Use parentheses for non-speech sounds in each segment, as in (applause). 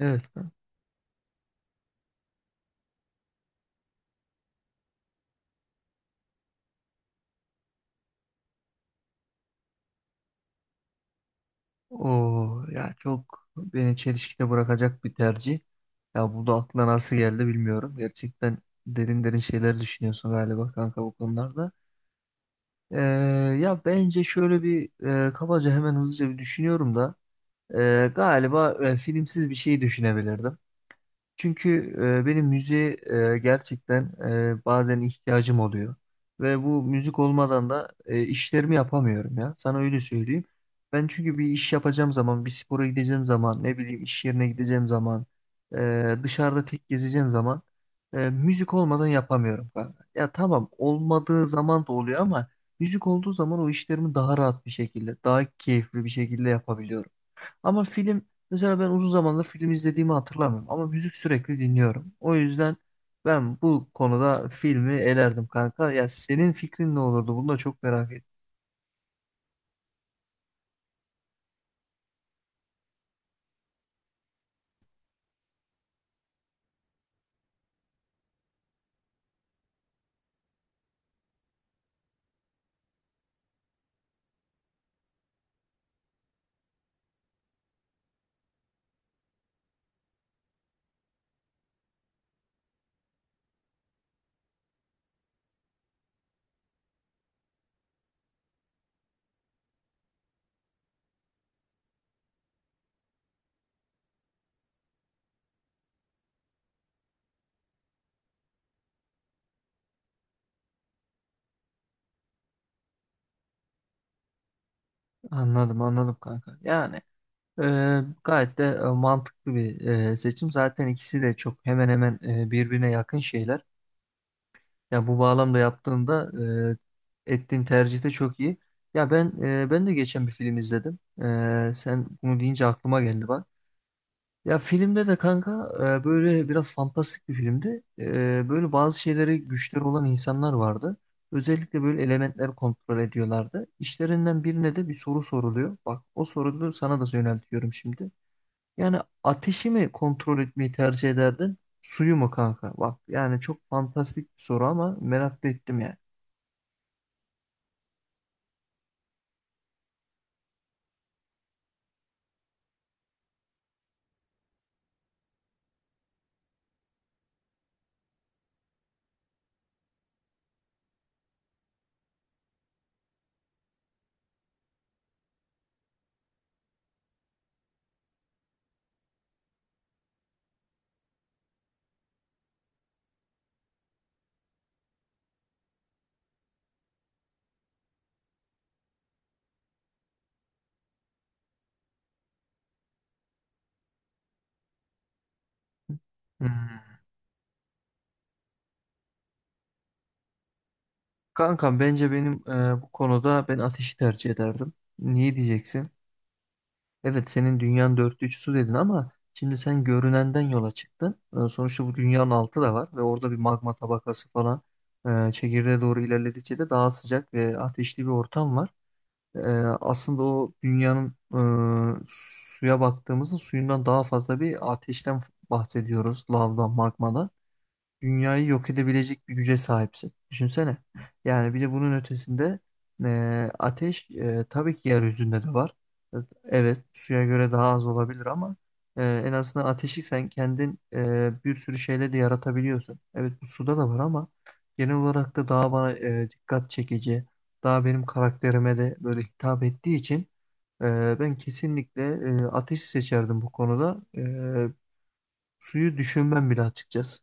Evet. O ya çok beni çelişkide bırakacak bir tercih. Ya bu da aklına nasıl geldi bilmiyorum. Gerçekten derin derin şeyler düşünüyorsun galiba kanka bu konularda. Ee, ya bence şöyle bir kabaca hemen hızlıca bir düşünüyorum da galiba filmsiz bir şey düşünebilirdim. Çünkü benim müziğe gerçekten bazen ihtiyacım oluyor. Ve bu müzik olmadan da işlerimi yapamıyorum ya. Sana öyle söyleyeyim. Ben çünkü bir iş yapacağım zaman, bir spora gideceğim zaman, ne bileyim iş yerine gideceğim zaman, dışarıda tek gezeceğim zaman müzik olmadan yapamıyorum kanka. Ya tamam olmadığı zaman da oluyor ama müzik olduğu zaman o işlerimi daha rahat bir şekilde, daha keyifli bir şekilde yapabiliyorum. Ama film mesela ben uzun zamandır film izlediğimi hatırlamıyorum ama müzik sürekli dinliyorum. O yüzden ben bu konuda filmi elerdim kanka. Ya senin fikrin ne olurdu? Bunu da çok merak ettim. Anladım anladım kanka. Yani e, gayet de mantıklı bir seçim. Zaten ikisi de çok hemen hemen birbirine yakın şeyler. Ya bu bağlamda yaptığında ettiğin tercih de çok iyi. Ya ben de geçen bir film izledim. Sen bunu deyince aklıma geldi bak. Ya filmde de kanka böyle biraz fantastik bir filmdi. Böyle bazı şeylere güçleri olan insanlar vardı. Özellikle böyle elementler kontrol ediyorlardı. İşlerinden birine de bir soru soruluyor. Bak o soruyu sana da yöneltiyorum şimdi. Yani ateşi mi kontrol etmeyi tercih ederdin? Suyu mu kanka? Bak yani çok fantastik bir soru ama merak da ettim yani. Hmm. Kanka bence benim bu konuda ben ateşi tercih ederdim. Niye diyeceksin? Evet senin dünyanın dörtte üçü su dedin ama şimdi sen görünenden yola çıktın. Sonuçta bu dünyanın altı da var ve orada bir magma tabakası falan çekirdeğe doğru ilerledikçe de daha sıcak ve ateşli bir ortam var. Ee, aslında o dünyanın e, suya baktığımızda suyundan daha fazla bir ateşten bahsediyoruz. Lavdan, magmadan dünyayı yok edebilecek bir güce sahipsin. Düşünsene. Yani bir de bunun ötesinde ateş tabii ki yeryüzünde de var. Evet, suya göre daha az olabilir ama en azından ateşi sen kendin bir sürü şeyle de yaratabiliyorsun. Evet, bu suda da var ama genel olarak da daha bana dikkat çekici, daha benim karakterime de böyle hitap ettiği için ben kesinlikle ateşi seçerdim bu konuda. Suyu düşünmem bile açıkçası.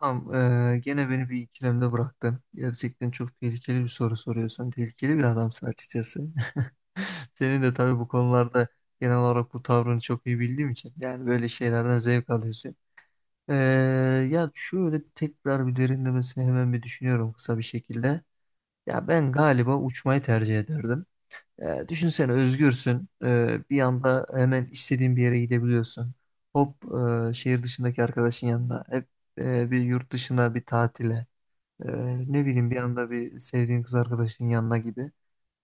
Tamam, gene beni bir ikilemde bıraktın. Gerçekten çok tehlikeli bir soru soruyorsun. Tehlikeli bir adamsın açıkçası. (laughs) Senin de tabii bu konularda genel olarak bu tavrını çok iyi bildiğim için yani böyle şeylerden zevk alıyorsun. Eee, ya şöyle tekrar bir derinlemesine hemen bir düşünüyorum kısa bir şekilde. Ya ben galiba uçmayı tercih ederdim. Düşünsene özgürsün. Bir anda hemen istediğin bir yere gidebiliyorsun. Hop şehir dışındaki arkadaşın yanına. Hep bir yurt dışına bir tatile. Ne bileyim bir anda bir sevdiğin kız arkadaşının yanına gibi.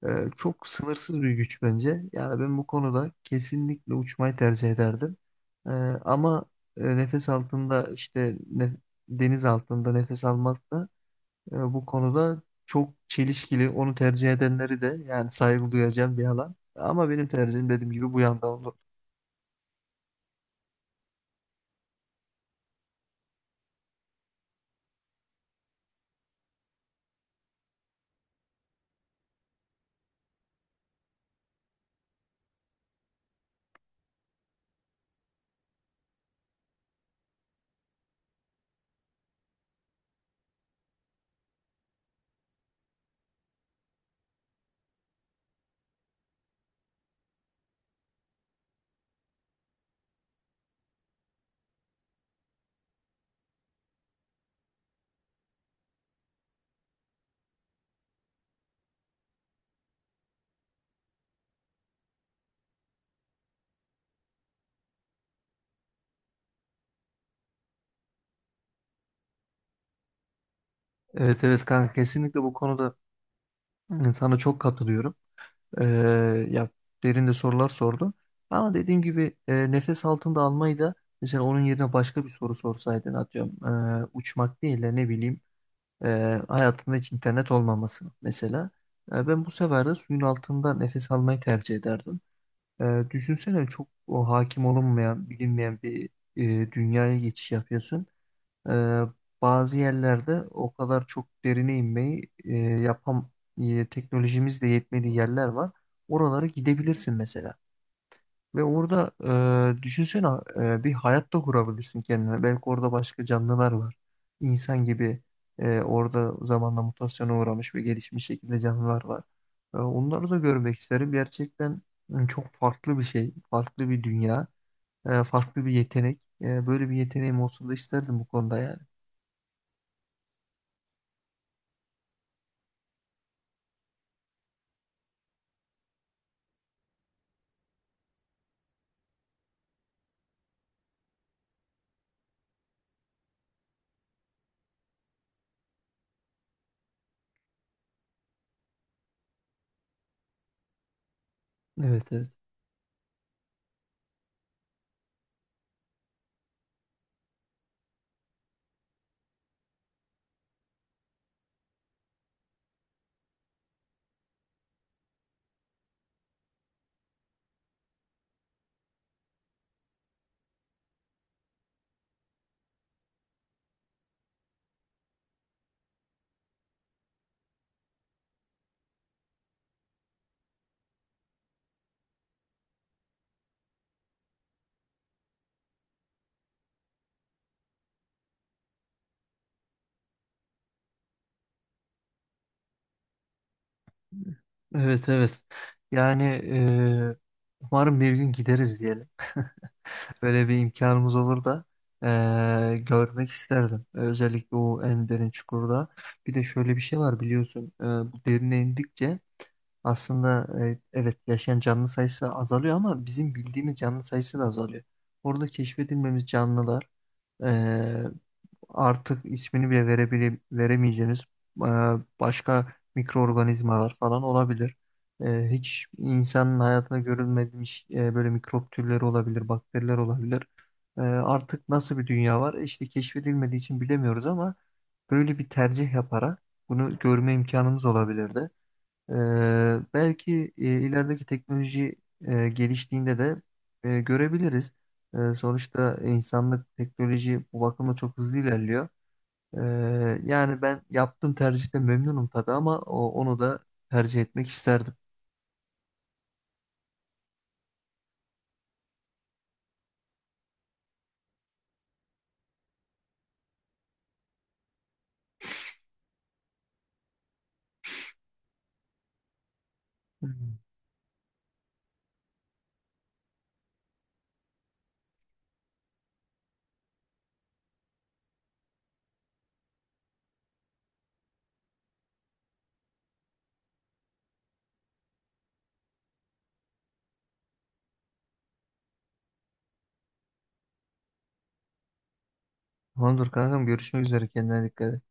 Çok sınırsız bir güç bence. Yani ben bu konuda kesinlikle uçmayı tercih ederdim. Ee, ama nefes altında deniz altında nefes almak da bu konuda çok çelişkili. Onu tercih edenleri de yani saygı duyacağım bir alan. Ama benim tercihim dediğim gibi bu yanda olur. Evet evet kanka kesinlikle bu konuda sana çok katılıyorum. Ee, ya derin de sorular sordu. Ama dediğim gibi nefes altında almayı da mesela onun yerine başka bir soru sorsaydın atıyorum uçmak değil de ne bileyim e, hayatında hiç internet olmaması mesela. Ben bu sefer de suyun altında nefes almayı tercih ederdim. Düşünsene çok o hakim olunmayan bilinmeyen bir dünyaya geçiş yapıyorsun. Ee, bazı yerlerde o kadar çok derine inmeyi teknolojimiz de yetmediği yerler var. Oralara gidebilirsin mesela. Ve orada düşünsene bir hayat da kurabilirsin kendine. Belki orada başka canlılar var. İnsan gibi orada zamanla mutasyona uğramış ve gelişmiş şekilde canlılar var. Onları da görmek isterim. Gerçekten çok farklı bir şey, farklı bir dünya, farklı bir yetenek. Böyle bir yeteneğim olsun da isterdim bu konuda yani. Evet evet. Evet evet. Yani umarım bir gün gideriz diyelim. (laughs) Böyle bir imkanımız olur da görmek isterdim. Özellikle o en derin çukurda. Bir de şöyle bir şey var biliyorsun. Bu derine indikçe aslında evet yaşayan canlı sayısı azalıyor ama bizim bildiğimiz canlı sayısı da azalıyor. Orada keşfedilmemiz canlılar artık ismini bile veremeyeceğiniz e, başka mikroorganizmalar falan olabilir. Hiç insanın hayatında görülmemiş böyle mikrop türleri olabilir, bakteriler olabilir. Artık nasıl bir dünya var? İşte keşfedilmediği için bilemiyoruz ama böyle bir tercih yaparak bunu görme imkanımız olabilirdi. E, belki ilerideki teknoloji geliştiğinde de görebiliriz. Sonuçta insanlık teknoloji bu bakımda çok hızlı ilerliyor. Ee, yani ben yaptığım tercihte memnunum tabii ama onu da tercih etmek isterdim. Hmm. Tamamdır kankam görüşmek üzere kendine dikkat et.